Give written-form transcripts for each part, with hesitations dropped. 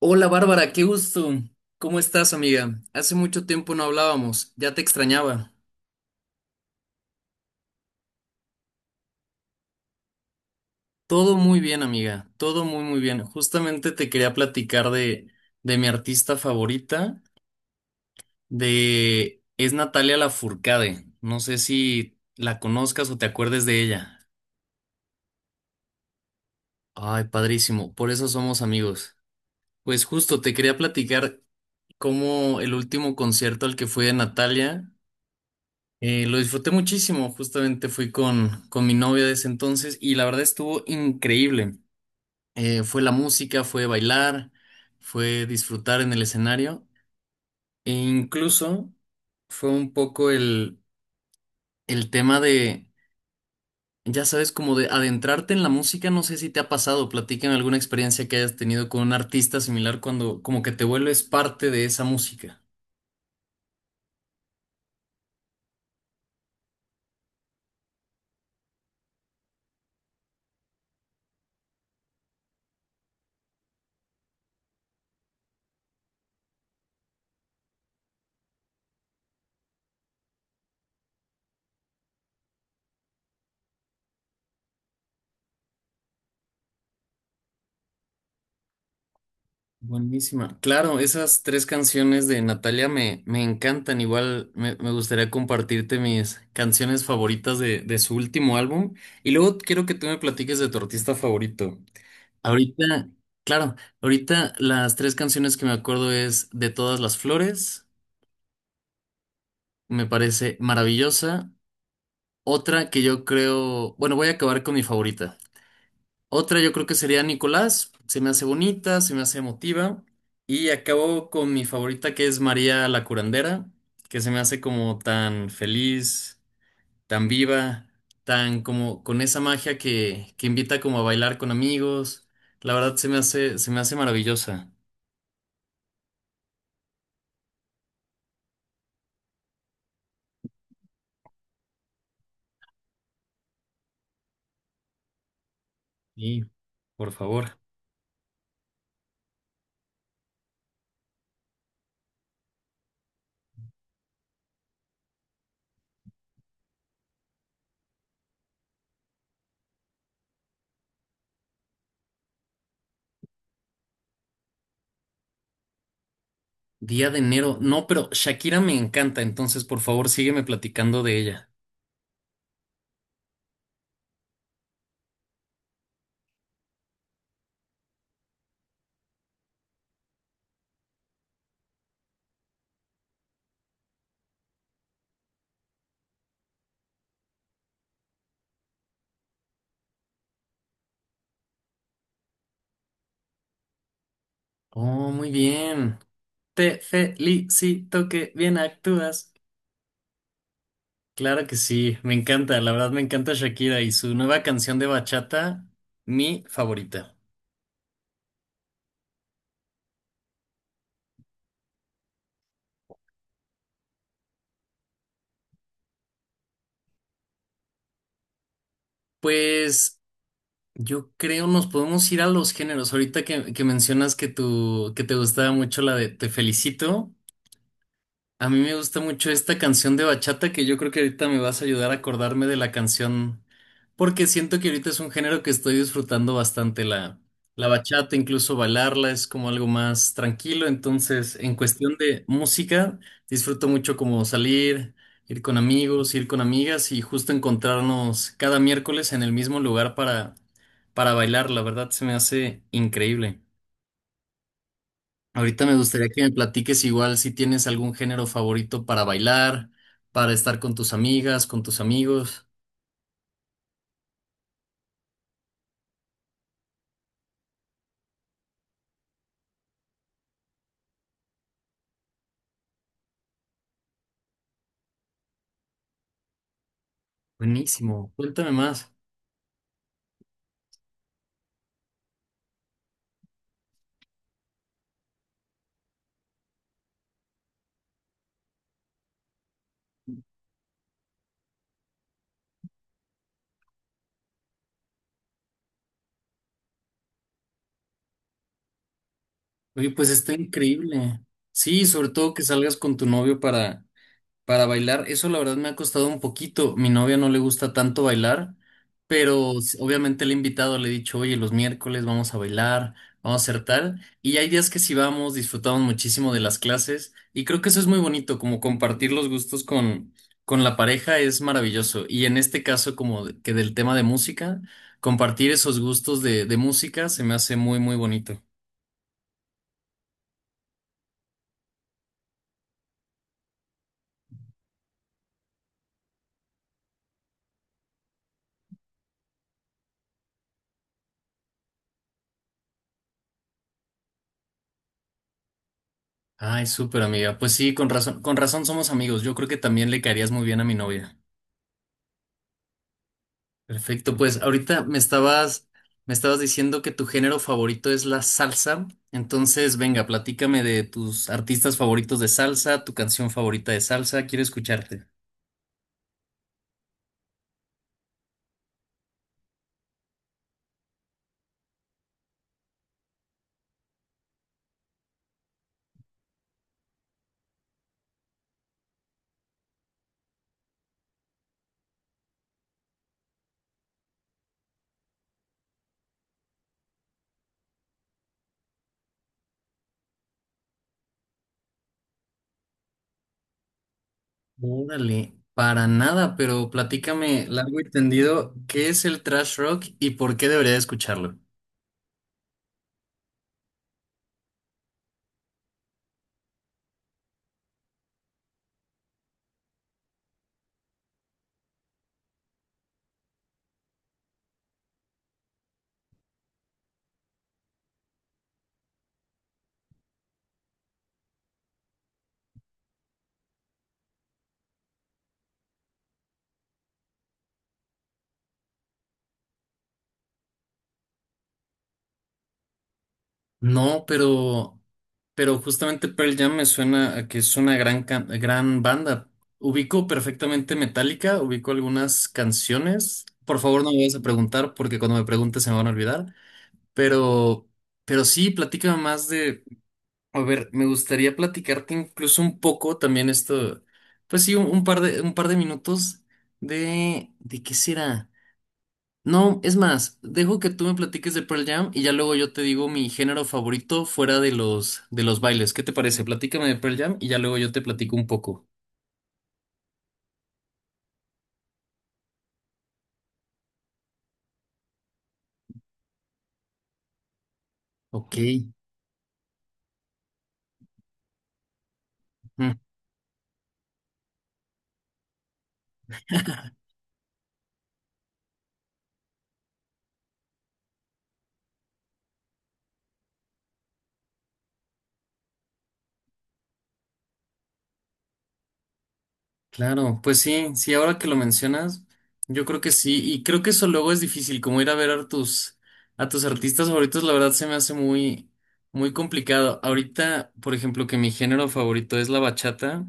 Hola Bárbara, qué gusto. ¿Cómo estás, amiga? Hace mucho tiempo no hablábamos, ya te extrañaba. Todo muy bien, amiga, todo muy bien. Justamente te quería platicar de mi artista favorita, de... es Natalia Lafourcade. No sé si la conozcas o te acuerdes de ella. Ay, padrísimo, por eso somos amigos. Pues justo te quería platicar cómo el último concierto al que fui de Natalia. Lo disfruté muchísimo, justamente fui con mi novia de ese entonces y la verdad estuvo increíble. Fue la música, fue bailar, fue disfrutar en el escenario e incluso fue un poco el tema ya sabes, como de adentrarte en la música, no sé si te ha pasado, platícame alguna experiencia que hayas tenido con un artista similar cuando como que te vuelves parte de esa música. Buenísima. Claro, esas tres canciones de Natalia me encantan. Igual me gustaría compartirte mis canciones favoritas de su último álbum. Y luego quiero que tú me platiques de tu artista favorito. Ahorita, claro, ahorita las tres canciones que me acuerdo es De todas las flores, me parece maravillosa. Otra que yo creo, bueno, voy a acabar con mi favorita. Otra yo creo que sería Nicolás, se me hace bonita, se me hace emotiva. Y acabo con mi favorita que es María la Curandera, que se me hace como tan feliz, tan viva, tan como con esa magia que invita como a bailar con amigos. La verdad se me hace maravillosa. Y, por favor. Día de enero. No, pero Shakira me encanta, entonces por favor sígueme platicando de ella. Oh, muy bien. Te felicito que bien actúas. Claro que sí, me encanta, la verdad me encanta Shakira y su nueva canción de bachata, mi favorita. Pues yo creo nos podemos ir a los géneros. Ahorita que mencionas que, tu, que te gustaba mucho la de Te felicito. A mí me gusta mucho esta canción de bachata que yo creo que ahorita me vas a ayudar a acordarme de la canción porque siento que ahorita es un género que estoy disfrutando bastante la bachata, incluso bailarla es como algo más tranquilo, entonces en cuestión de música disfruto mucho como salir, ir con amigos, ir con amigas y justo encontrarnos cada miércoles en el mismo lugar para bailar, la verdad se me hace increíble. Ahorita me gustaría que me platiques igual si tienes algún género favorito para bailar, para estar con tus amigas, con tus amigos. Buenísimo, cuéntame más. Oye, pues está increíble. Sí, sobre todo que salgas con tu novio para. Para bailar, eso la verdad me ha costado un poquito. Mi novia no le gusta tanto bailar, pero obviamente le he invitado, le he dicho, oye, los miércoles vamos a bailar, vamos a hacer tal. Y hay días que sí vamos, disfrutamos muchísimo de las clases y creo que eso es muy bonito, como compartir los gustos con la pareja es maravilloso. Y en este caso, como que del tema de música, compartir esos gustos de música se me hace muy bonito. Ay, súper amiga. Pues sí, con razón somos amigos. Yo creo que también le caerías muy bien a mi novia. Perfecto, pues ahorita me estabas diciendo que tu género favorito es la salsa. Entonces, venga, platícame de tus artistas favoritos de salsa, tu canción favorita de salsa, quiero escucharte. Órale, para nada, pero platícame largo y tendido, ¿qué es el trash rock y por qué debería de escucharlo? No, pero justamente Pearl Jam me suena a que es una gran, gran banda. Ubico perfectamente Metallica, ubico algunas canciones. Por favor, no me vayas a preguntar porque cuando me preguntes se me van a olvidar. Pero, pero sí, platícame más de. A ver, me gustaría platicarte incluso un poco también esto. Pues sí, un par de minutos de. ¿De qué será? No, es más, dejo que tú me platiques de Pearl Jam y ya luego yo te digo mi género favorito fuera de los bailes. ¿Qué te parece? Platícame de Pearl Jam y ya luego yo te platico un poco. Ok. Claro, pues sí, sí, ahora que lo mencionas, yo creo que sí, y creo que eso luego es difícil, como ir a ver a tus artistas favoritos, la verdad se me hace muy complicado. Ahorita, por ejemplo, que mi género favorito es la bachata,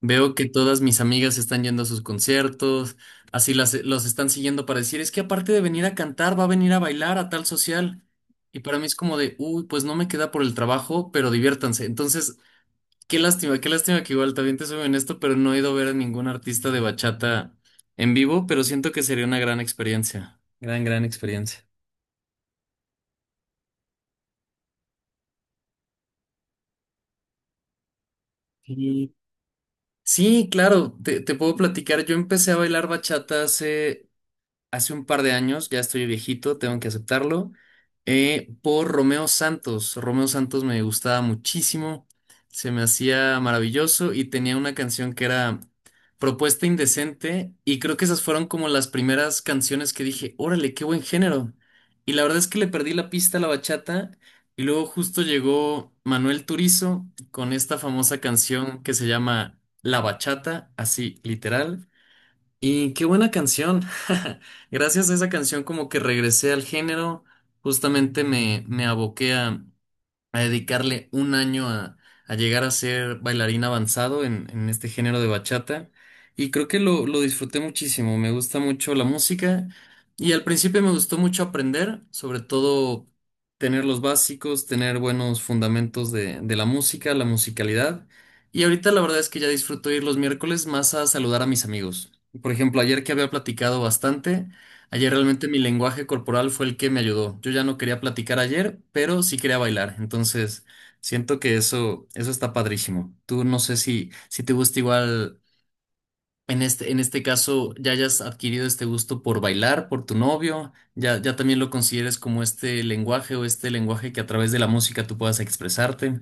veo que todas mis amigas están yendo a sus conciertos, así las, los están siguiendo para decir, es que aparte de venir a cantar, va a venir a bailar a tal social. Y para mí es como de, uy, pues no me queda por el trabajo, pero diviértanse. Entonces, qué lástima, qué lástima que igual también te soy honesto, pero no he ido a ver a ningún artista de bachata en vivo, pero siento que sería una gran experiencia. Gran experiencia. Sí, sí, claro, te puedo platicar. Yo empecé a bailar bachata hace un par de años, ya estoy viejito, tengo que aceptarlo, por Romeo Santos. Romeo Santos me gustaba muchísimo, se me hacía maravilloso y tenía una canción que era Propuesta Indecente y creo que esas fueron como las primeras canciones que dije, órale, qué buen género. Y la verdad es que le perdí la pista a la bachata y luego justo llegó Manuel Turizo con esta famosa canción que se llama La Bachata, así literal. Y qué buena canción. Gracias a esa canción como que regresé al género, justamente me aboqué a dedicarle un año a llegar a ser bailarín avanzado en este género de bachata y creo que lo disfruté muchísimo, me gusta mucho la música y al principio me gustó mucho aprender, sobre todo tener los básicos, tener buenos fundamentos de la música, la musicalidad y ahorita la verdad es que ya disfruto ir los miércoles más a saludar a mis amigos. Por ejemplo, ayer que había platicado bastante, ayer realmente mi lenguaje corporal fue el que me ayudó. Yo ya no quería platicar ayer, pero sí quería bailar. Entonces, siento que eso está padrísimo. Tú no sé si te gusta igual, en este, caso, ya hayas adquirido este gusto por bailar, por tu novio, ya también lo consideres como este lenguaje o este lenguaje que a través de la música tú puedas expresarte.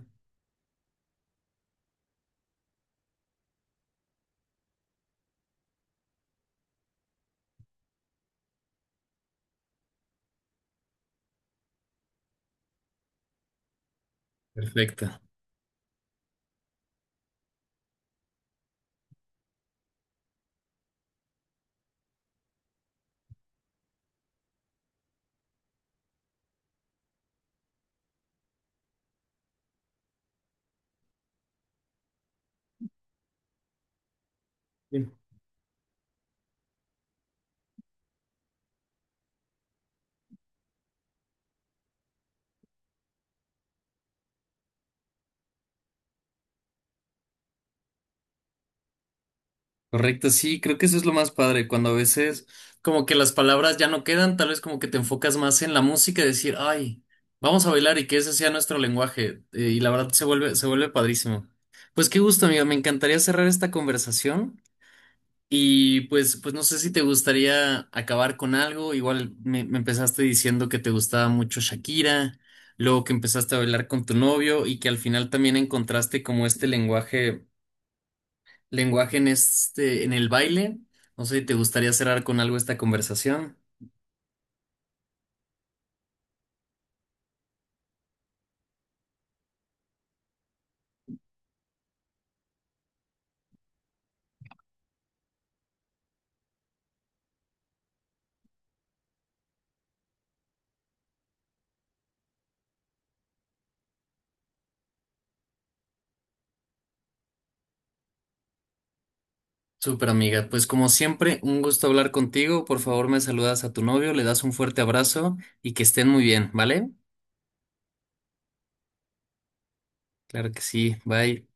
Perfecto. Correcto, sí, creo que eso es lo más padre, cuando a veces como que las palabras ya no quedan, tal vez como que te enfocas más en la música y decir, ay, vamos a bailar y que ese sea nuestro lenguaje. Y la verdad se vuelve padrísimo. Pues qué gusto, amigo, me encantaría cerrar esta conversación y pues, pues no sé si te gustaría acabar con algo, igual me empezaste diciendo que te gustaba mucho Shakira, luego que empezaste a bailar con tu novio y que al final también encontraste como este lenguaje en este, en el baile. No sé si te gustaría cerrar con algo esta conversación. Súper amiga, pues como siempre, un gusto hablar contigo. Por favor, me saludas a tu novio, le das un fuerte abrazo y que estén muy bien, ¿vale? Claro que sí, bye.